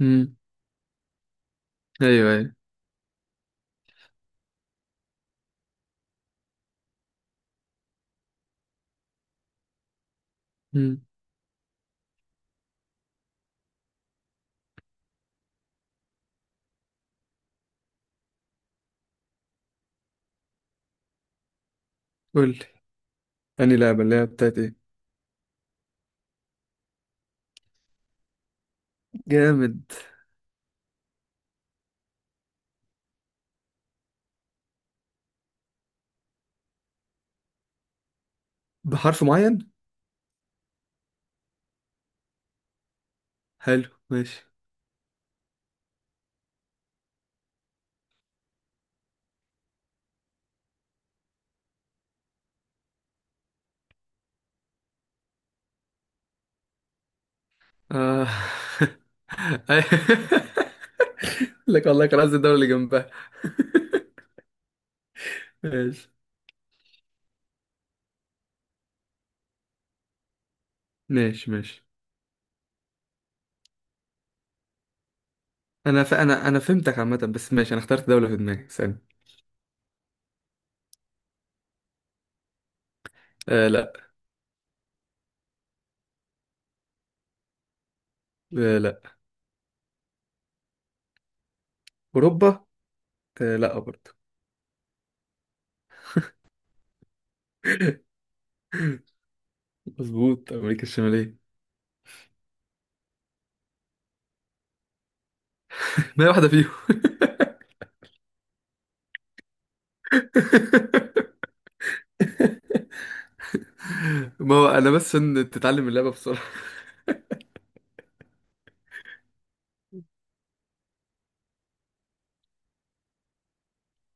امم. ايوه ايوه. امم. قول لي. اني لعبه اللي هي بتاعت ايه. جامد. بحرف معين. حلو ماشي. آه. لك والله كان قصدي الدولة اللي جنبها. ماشي ماشي ماشي. انا فهمتك عامة، بس ماشي، انا اخترت دولة في دماغي ثانية. آه لا. آه لا. اوروبا. آه لا برضه. مظبوط، امريكا الشمالية. ما هي واحدة فيهم. ما هو انا بس عشان تتعلم اللعبة بسرعة.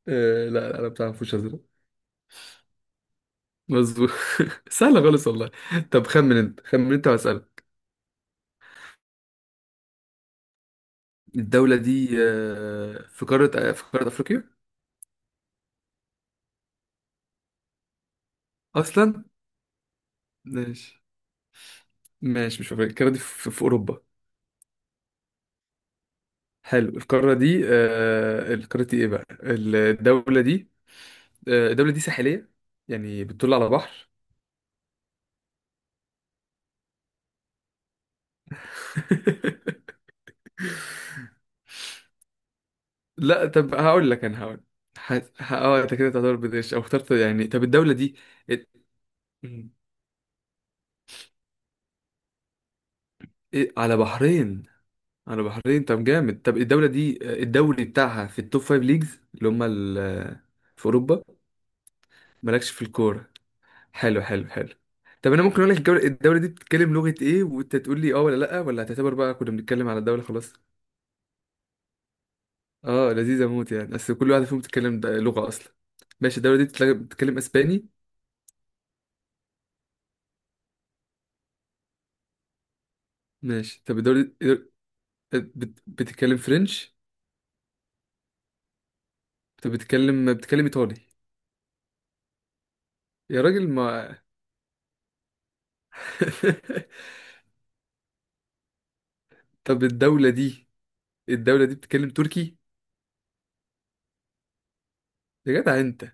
آه لا لا، انا بتاع فوش ازرق. مظبوط. سهله خالص والله. طب خمن انت، خمن انت واسالك. الدوله دي في قاره افريقيا. اصلا. ماشي. ماشي، مش في افريقيا. القاره دي في اوروبا. حلو. القاره دي ايه بقى الدوله دي؟ آه، الدوله دي ساحليه، يعني بتطل على بحر. لا طب هقول لك، انا هقول. ح- انت كده تعتبر بدش او اخترت يعني. طب الدوله دي. إيه- إيه، على بحرين. على بحرين. طب جامد. طب الدولة دي الدوري بتاعها في التوب فايف ليجز اللي هما في أوروبا. مالكش في الكورة. حلو حلو حلو. طب أنا ممكن أقول لك، الدولة دي بتتكلم لغة إيه وأنت تقول لي أه ولا لأ، ولا هتعتبر بقى كنا بنتكلم على الدولة خلاص. أه لذيذة موت يعني، أصل كل واحدة فيهم بتتكلم لغة أصلا. ماشي. الدولة دي بتتكلم أسباني. ماشي. طب الدولة دي بتتكلم فرنش. طب بتتكلم إيطالي. يا راجل ما. طب الدولة دي بتتكلم تركي. يا جدع أنت.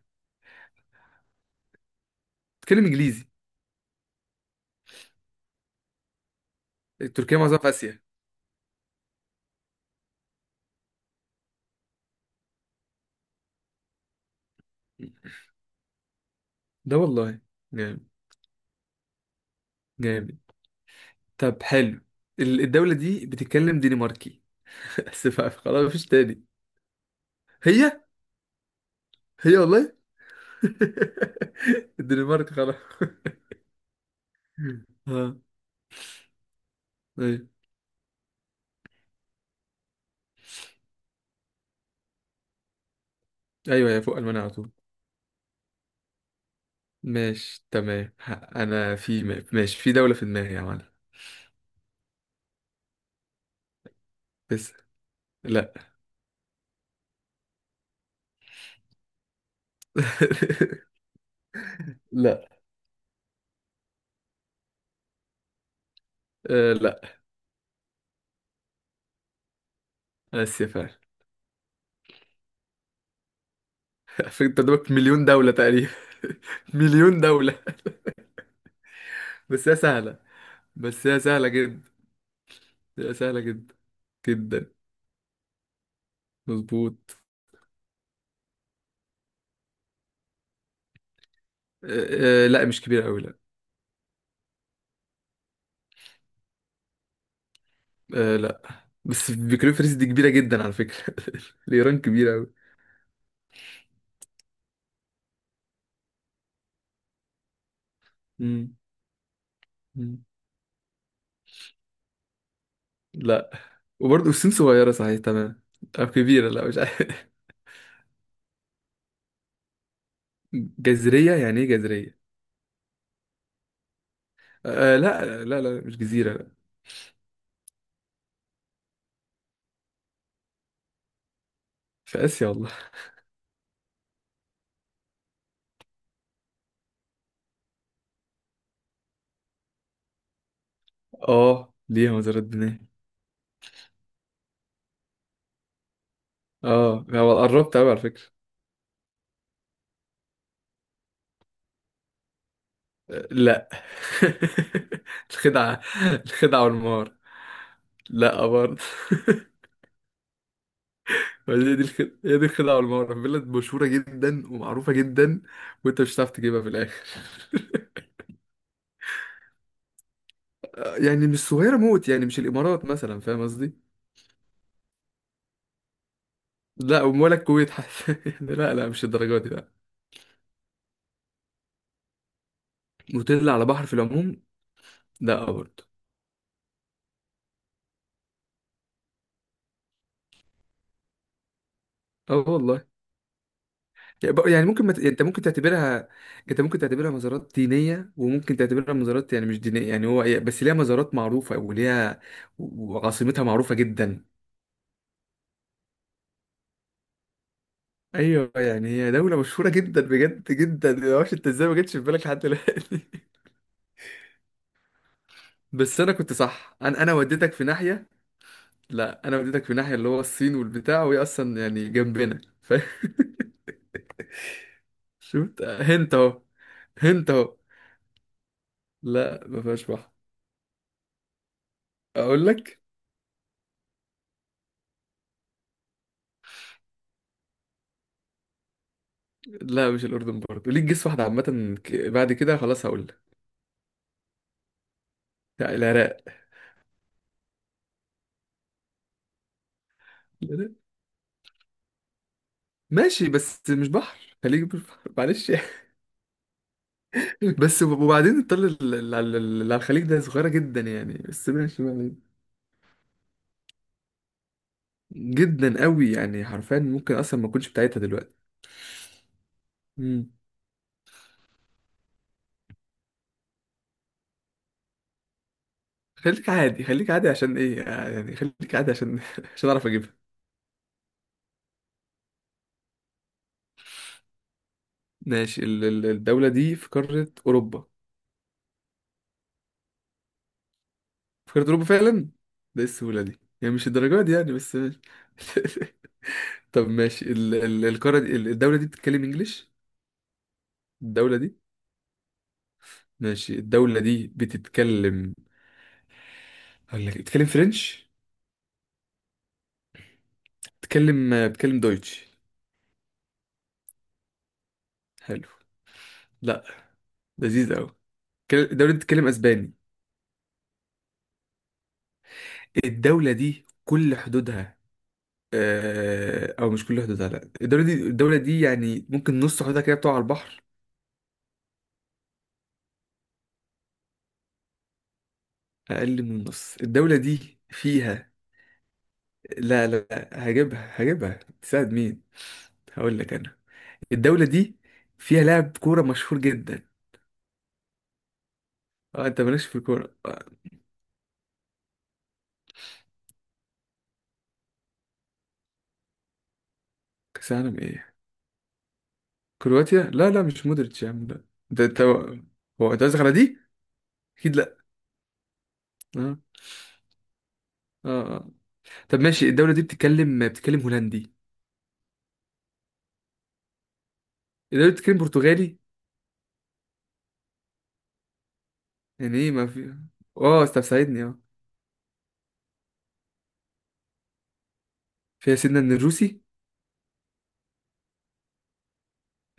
بتتكلم انجليزي. تركيا معظمها في اسيا. ده والله جامد. جامد. طب حلو. الدولة دي بتتكلم دنماركي. بس بقى خلاص مفيش تاني. هي هي والله. الدنمارك خلاص. ها. ايوه. ايوه، يا فوق المانيا على طول. ماشي تمام. انا ماشي، في دولة في دماغي يا معلم. بس. لا. لا. آه لا. اسيا فعلا. فكرة، انت قدامك مليون دولة تقريبا. مليون دولة. بس هي سهلة. بس هي سهلة جدا. لا، سهلة جدا. جدا. مظبوط. لا مش كبيرة أوي لا. آه لا. بس بيكريفرس دي كبيرة جدا على فكرة. الإيران كبيرة أوي. مم. مم. لا. وبرضه الصين صغيرة؟ صحيح تمام. أو كبيرة؟ لا مش عارف. جزرية يعني إيه جزرية؟ آه لا لا لا، مش جزيرة لا. في آسيا والله. آه ليها مزارات بناء. آه هو قربت أوي على فكرة. آه، لا. الخدعة. الخدعة والمهارة. لا برضه. هي دي الخدعة، هي دي الخدعة. والمغرب بلد مشهورة جدا ومعروفة جدا، وانت مش هتعرف تجيبها في الآخر. يعني مش صغيرة موت، يعني مش الإمارات مثلا، فاهم قصدي؟ لا ولا الكويت حتى. يعني لا لا مش الدرجة دي لا. نوتيلا على بحر في العموم. لا برضه. اه والله. يعني ممكن انت ممكن تعتبرها. انت ممكن تعتبرها مزارات دينية، وممكن تعتبرها مزارات يعني مش دينية، يعني هو بس ليها مزارات معروفة وليها. وعاصمتها معروفة جدا. ايوه يعني هي دولة مشهورة جدا بجد جدا، ما اعرفش انت ازاي ما جتش في بالك لحد دلوقتي. بس انا كنت صح، انا وديتك في ناحية. لا انا وديتك في ناحية اللي هو الصين والبتاع، وهي اصلا يعني جنبنا شفت هنت اهو. هنت اهو. لا ما فيهاش بحر. اقول لك. لا مش الاردن برضه، ليك جيس واحدة عامة بعد كده خلاص هقول لك. لا، العراق. العراق. ماشي بس مش بحر، خليك مش بحر معلش. بس وبعدين الطل ال- ال- ال- اللي على الخليج ده صغيرة جدا يعني، بس ماشي بقى. جدا قوي يعني، حرفيا ممكن اصلا ما اكونش بتاعتها دلوقتي. مم. خليك عادي، خليك عادي، عشان ايه يعني، خليك عادي عشان عشان اعرف اجيبها. ماشي، الدولة دي في قارة اوروبا. في قارة اوروبا فعلا. ده ايه السهولة دي يعني، مش الدرجات دي يعني، بس ماشي. طب ماشي، الدولة دي بتتكلم انجليش. الدولة دي. ماشي الدولة دي بتتكلم. هقول لك بتتكلم فرنش. بتكلم دويتش. حلو. لا. لذيذ قوي. الدولة دي بتتكلم اسباني. الدولة دي كل حدودها. آه، او مش كل حدودها لا. الدولة دي يعني ممكن نص حدودها كده بتقع على البحر. اقل من النص. الدولة دي فيها. لا لا لا، هجيبها هجيبها، تساعد مين. هقول لك انا. الدولة دي فيها لاعب كورة مشهور جدا. اه انت مالكش في الكورة. كاس عالم ايه؟ كرواتيا لا لا مش مودريتش يا عم لا. ده انت. هو انت قصدك على دي. اكيد لا. اه. اه آه. طب ماشي الدولة دي بتتكلم هولندي. الدولة دي بتتكلم برتغالي. يعني ايه ما في. اه طب ساعدني اه. فيها سنة من الروسي.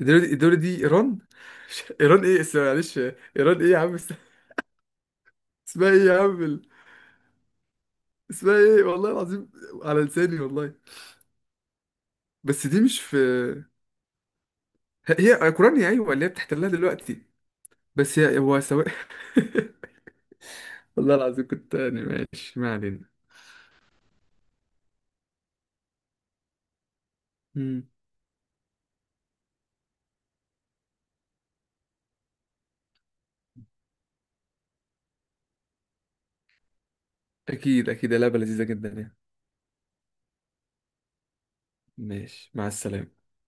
الدولة دي ايران. ايران ايه اسمها معلش، ايران ايه يا عم اسمها ايه يا عم اسمها ايه والله العظيم، على لساني والله. بس دي مش في. هي هي اوكرانيا، ايوه، اللي هي بتحتلها دلوقتي. بس هي هو سواء. والله العظيم كنت يعني، ماشي ما علينا. مم. اكيد اكيد لعبة لذيذة جدا يعني. ماشي مع السلامة.